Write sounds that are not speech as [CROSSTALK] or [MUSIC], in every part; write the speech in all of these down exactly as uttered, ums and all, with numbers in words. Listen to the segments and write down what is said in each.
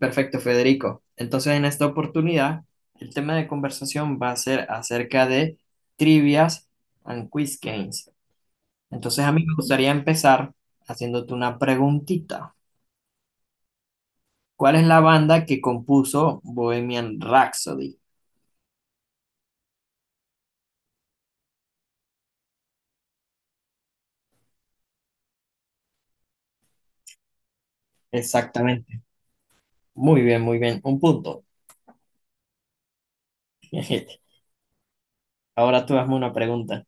Perfecto, Federico. Entonces, en esta oportunidad, el tema de conversación va a ser acerca de trivias and quiz games. Entonces, a mí me gustaría empezar haciéndote una preguntita. ¿Cuál es la banda que compuso Bohemian Rhapsody? Exactamente. Muy bien, muy bien. Un punto. [LAUGHS] Ahora tú hazme una pregunta.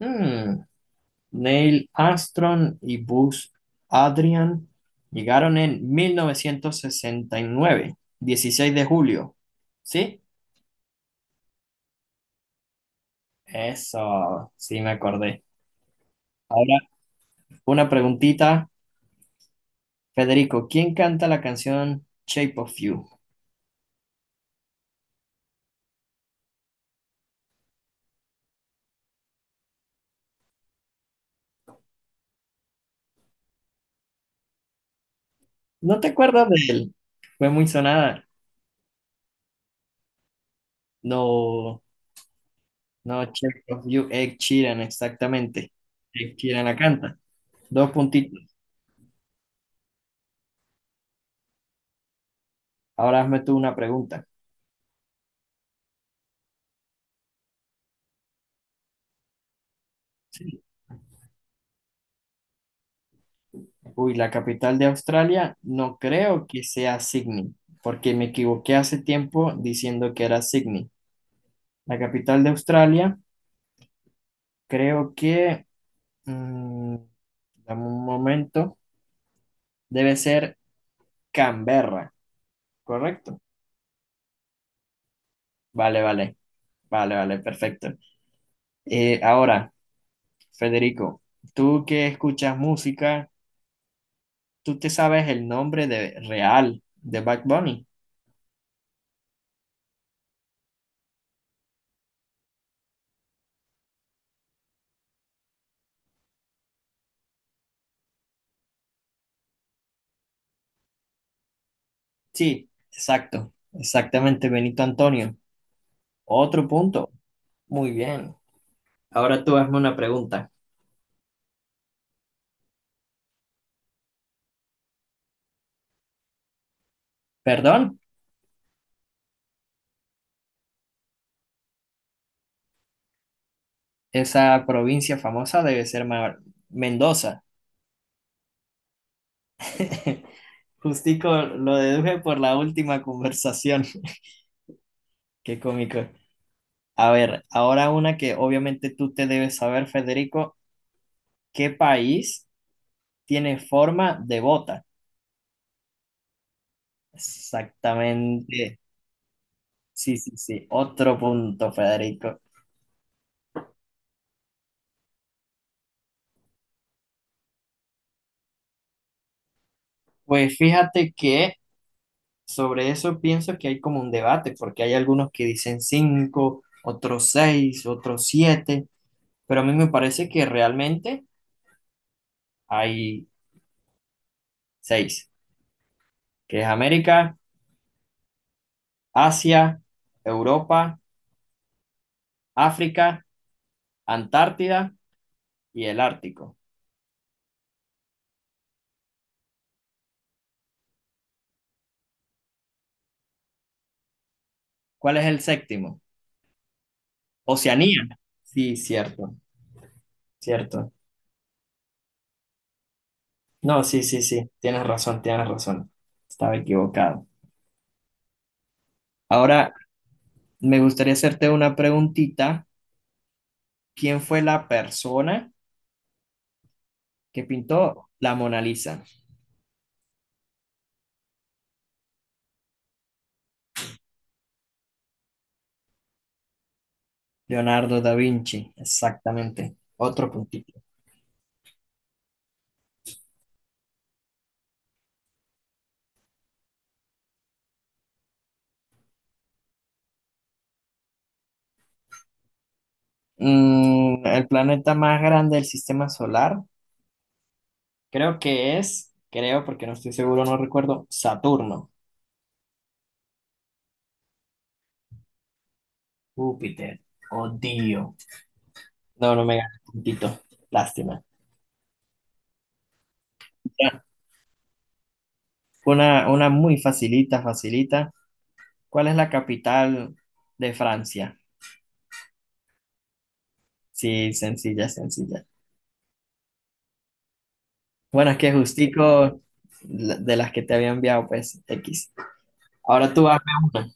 Hmm, Neil Armstrong y Buzz Adrian llegaron en mil novecientos sesenta y nueve, dieciséis de julio. ¿Sí? Eso, sí me acordé. Ahora, una preguntita, Federico, ¿quién canta la canción Shape of You? ¿No te acuerdas de él? Fue muy sonada. No, no, Shape of You, Ed Sheeran, exactamente. Ed Sheeran la canta. Dos puntitos. Ahora hazme tú una pregunta. Uy, la capital de Australia no creo que sea Sydney, porque me equivoqué hace tiempo diciendo que era Sydney. La capital de Australia creo que, mm, dame un momento, debe ser Canberra, ¿correcto? Vale, vale, vale, vale, perfecto. Eh, ahora, Federico, tú que escuchas música, ¿tú te sabes el nombre de real de Bad Bunny? Sí, exacto, exactamente, Benito Antonio. Otro punto. Muy bien. Ahora tú hazme una pregunta. Perdón, esa provincia famosa debe ser Ma- Mendoza. [LAUGHS] Justico lo deduje por la última conversación. [LAUGHS] Qué cómico. A ver, ahora una que obviamente tú te debes saber, Federico. ¿Qué país tiene forma de bota? Exactamente. Sí, sí, sí. Otro punto, Federico. Pues fíjate que sobre eso pienso que hay como un debate, porque hay algunos que dicen cinco, otros seis, otros siete, pero a mí me parece que realmente hay seis, que es América, Asia, Europa, África, Antártida y el Ártico. ¿Cuál es el séptimo? Oceanía. Sí, cierto, cierto. No, sí, sí, sí, tienes razón, tienes razón. Estaba equivocado. Ahora, me gustaría hacerte una preguntita. ¿Quién fue la persona que pintó la Mona Lisa? Leonardo da Vinci, exactamente. Otro puntito. Mm, el planeta más grande del sistema solar, creo que es, creo porque no estoy seguro, no recuerdo, Saturno, Júpiter, odio. No, no me gana puntito, lástima. Ya, Una, una muy facilita, facilita. ¿Cuál es la capital de Francia? Sí, sencilla, sencilla. Bueno, es que justico la- de las que te había enviado, pues, X. Ahora tú hazme una.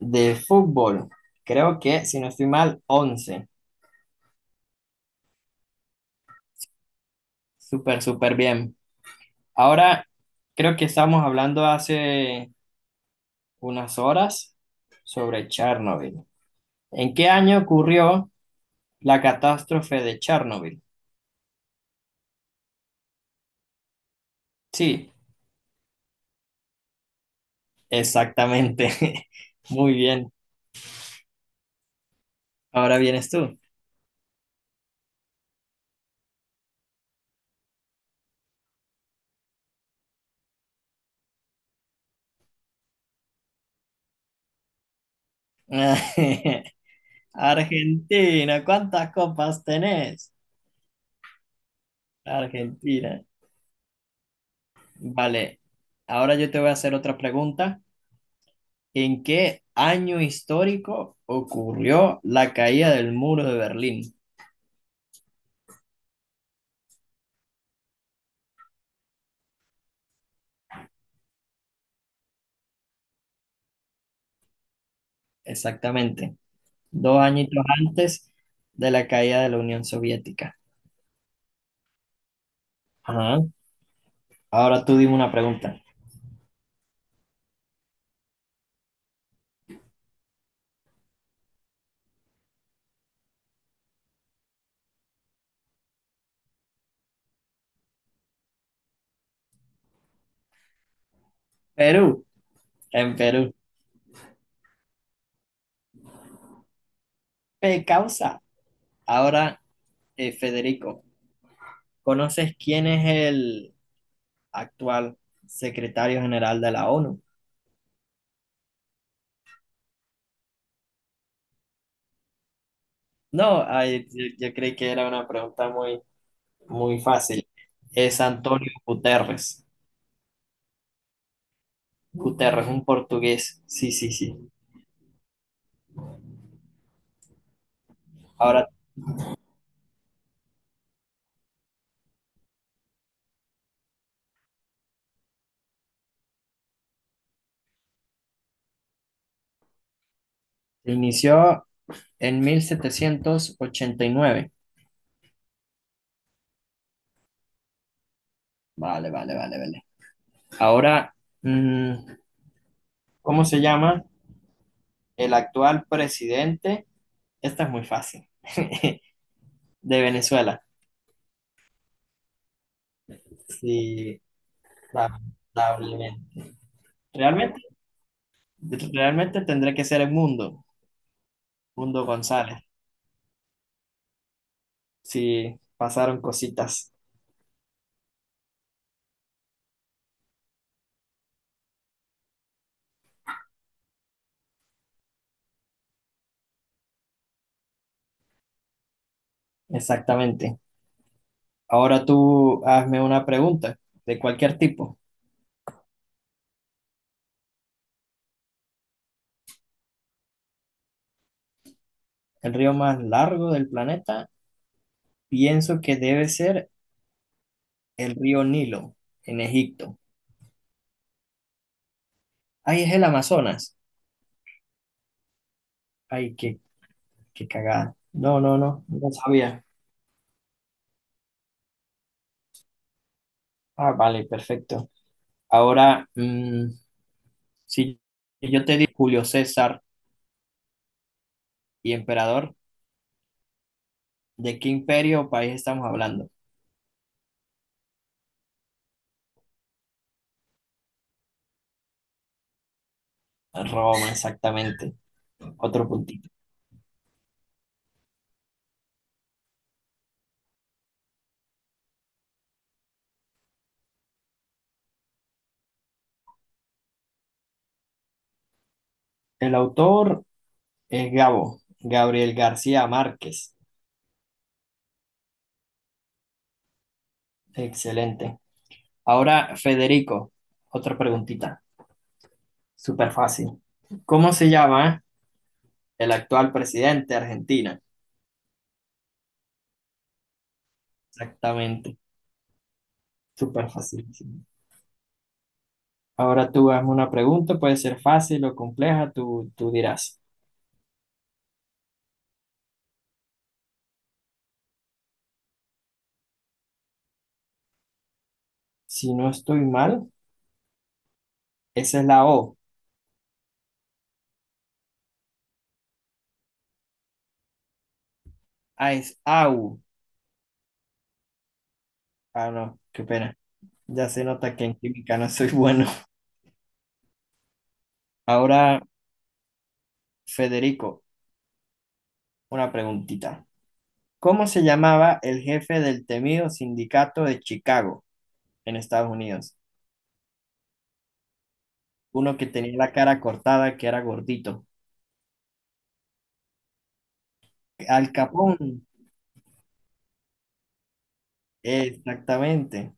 De fútbol, creo que, si no estoy mal, once. Súper, súper bien. Ahora, creo que estamos hablando hace unas horas sobre Chernobyl. ¿En qué año ocurrió la catástrofe de Chernobyl? Sí, exactamente. [LAUGHS] Muy bien. Ahora vienes tú. [LAUGHS] Argentina, ¿cuántas copas tenés? Argentina. Vale, ahora yo te voy a hacer otra pregunta. ¿En qué año histórico ocurrió la caída del muro de Berlín? Exactamente, dos añitos antes de la caída de la Unión Soviética. Ajá. Ahora tú dime una pregunta. Perú, en Perú. ¿Qué causa? Ahora, eh, Federico, ¿conoces quién es el actual secretario general de la O N U? No, ay, yo, yo creí que era una pregunta muy, muy fácil. Es Antonio Guterres. Guterres, un portugués. Sí, sí, sí. Ahora, inició en mil setecientos ochenta y nueve. Vale, vale, vale, vale. Ahora, mm, ¿cómo se llama el actual presidente? Esta es muy fácil. [LAUGHS] De Venezuela. Sí, lamentablemente. Realmente, realmente tendré que ser el mundo. Mundo González. Sí, pasaron cositas. Exactamente. Ahora tú hazme una pregunta de cualquier tipo. El río más largo del planeta, pienso que debe ser el río Nilo, en Egipto. Ay, es el Amazonas. Ay, qué, qué cagada. No, no, no, no sabía. Ah, vale, perfecto. Ahora, mm, si yo te digo Julio César y emperador, ¿de qué imperio o país estamos hablando? Roma, exactamente. Otro puntito. El autor es Gabo, Gabriel García Márquez. Excelente. Ahora, Federico, otra preguntita. Súper fácil. ¿Cómo se llama el actual presidente de Argentina? Exactamente. Súper fácil. Ahora tú hazme una pregunta, puede ser fácil o compleja, tú, tú dirás. Si no estoy mal, esa es la O. Ah, es A U. Ah, no, qué pena. Ya se nota que en química no soy bueno. Ahora, Federico, una preguntita. ¿Cómo se llamaba el jefe del temido sindicato de Chicago en Estados Unidos? Uno que tenía la cara cortada, que era gordito. Al Capón, exactamente.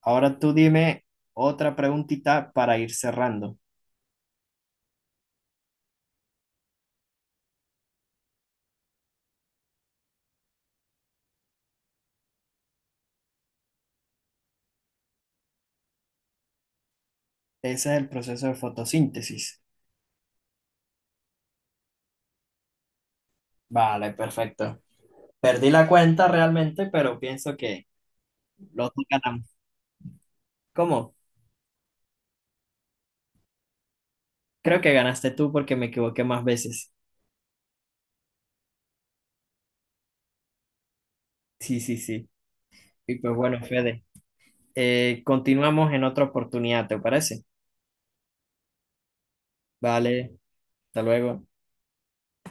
Ahora tú dime otra preguntita para ir cerrando. Ese es el proceso de fotosíntesis. Vale, perfecto. Perdí la cuenta realmente, pero pienso que los dos ganamos. ¿Cómo? Creo que ganaste tú porque me equivoqué más veces. Sí, sí, sí. Y pues bueno, Fede, eh, continuamos en otra oportunidad, ¿te parece? Vale, hasta luego.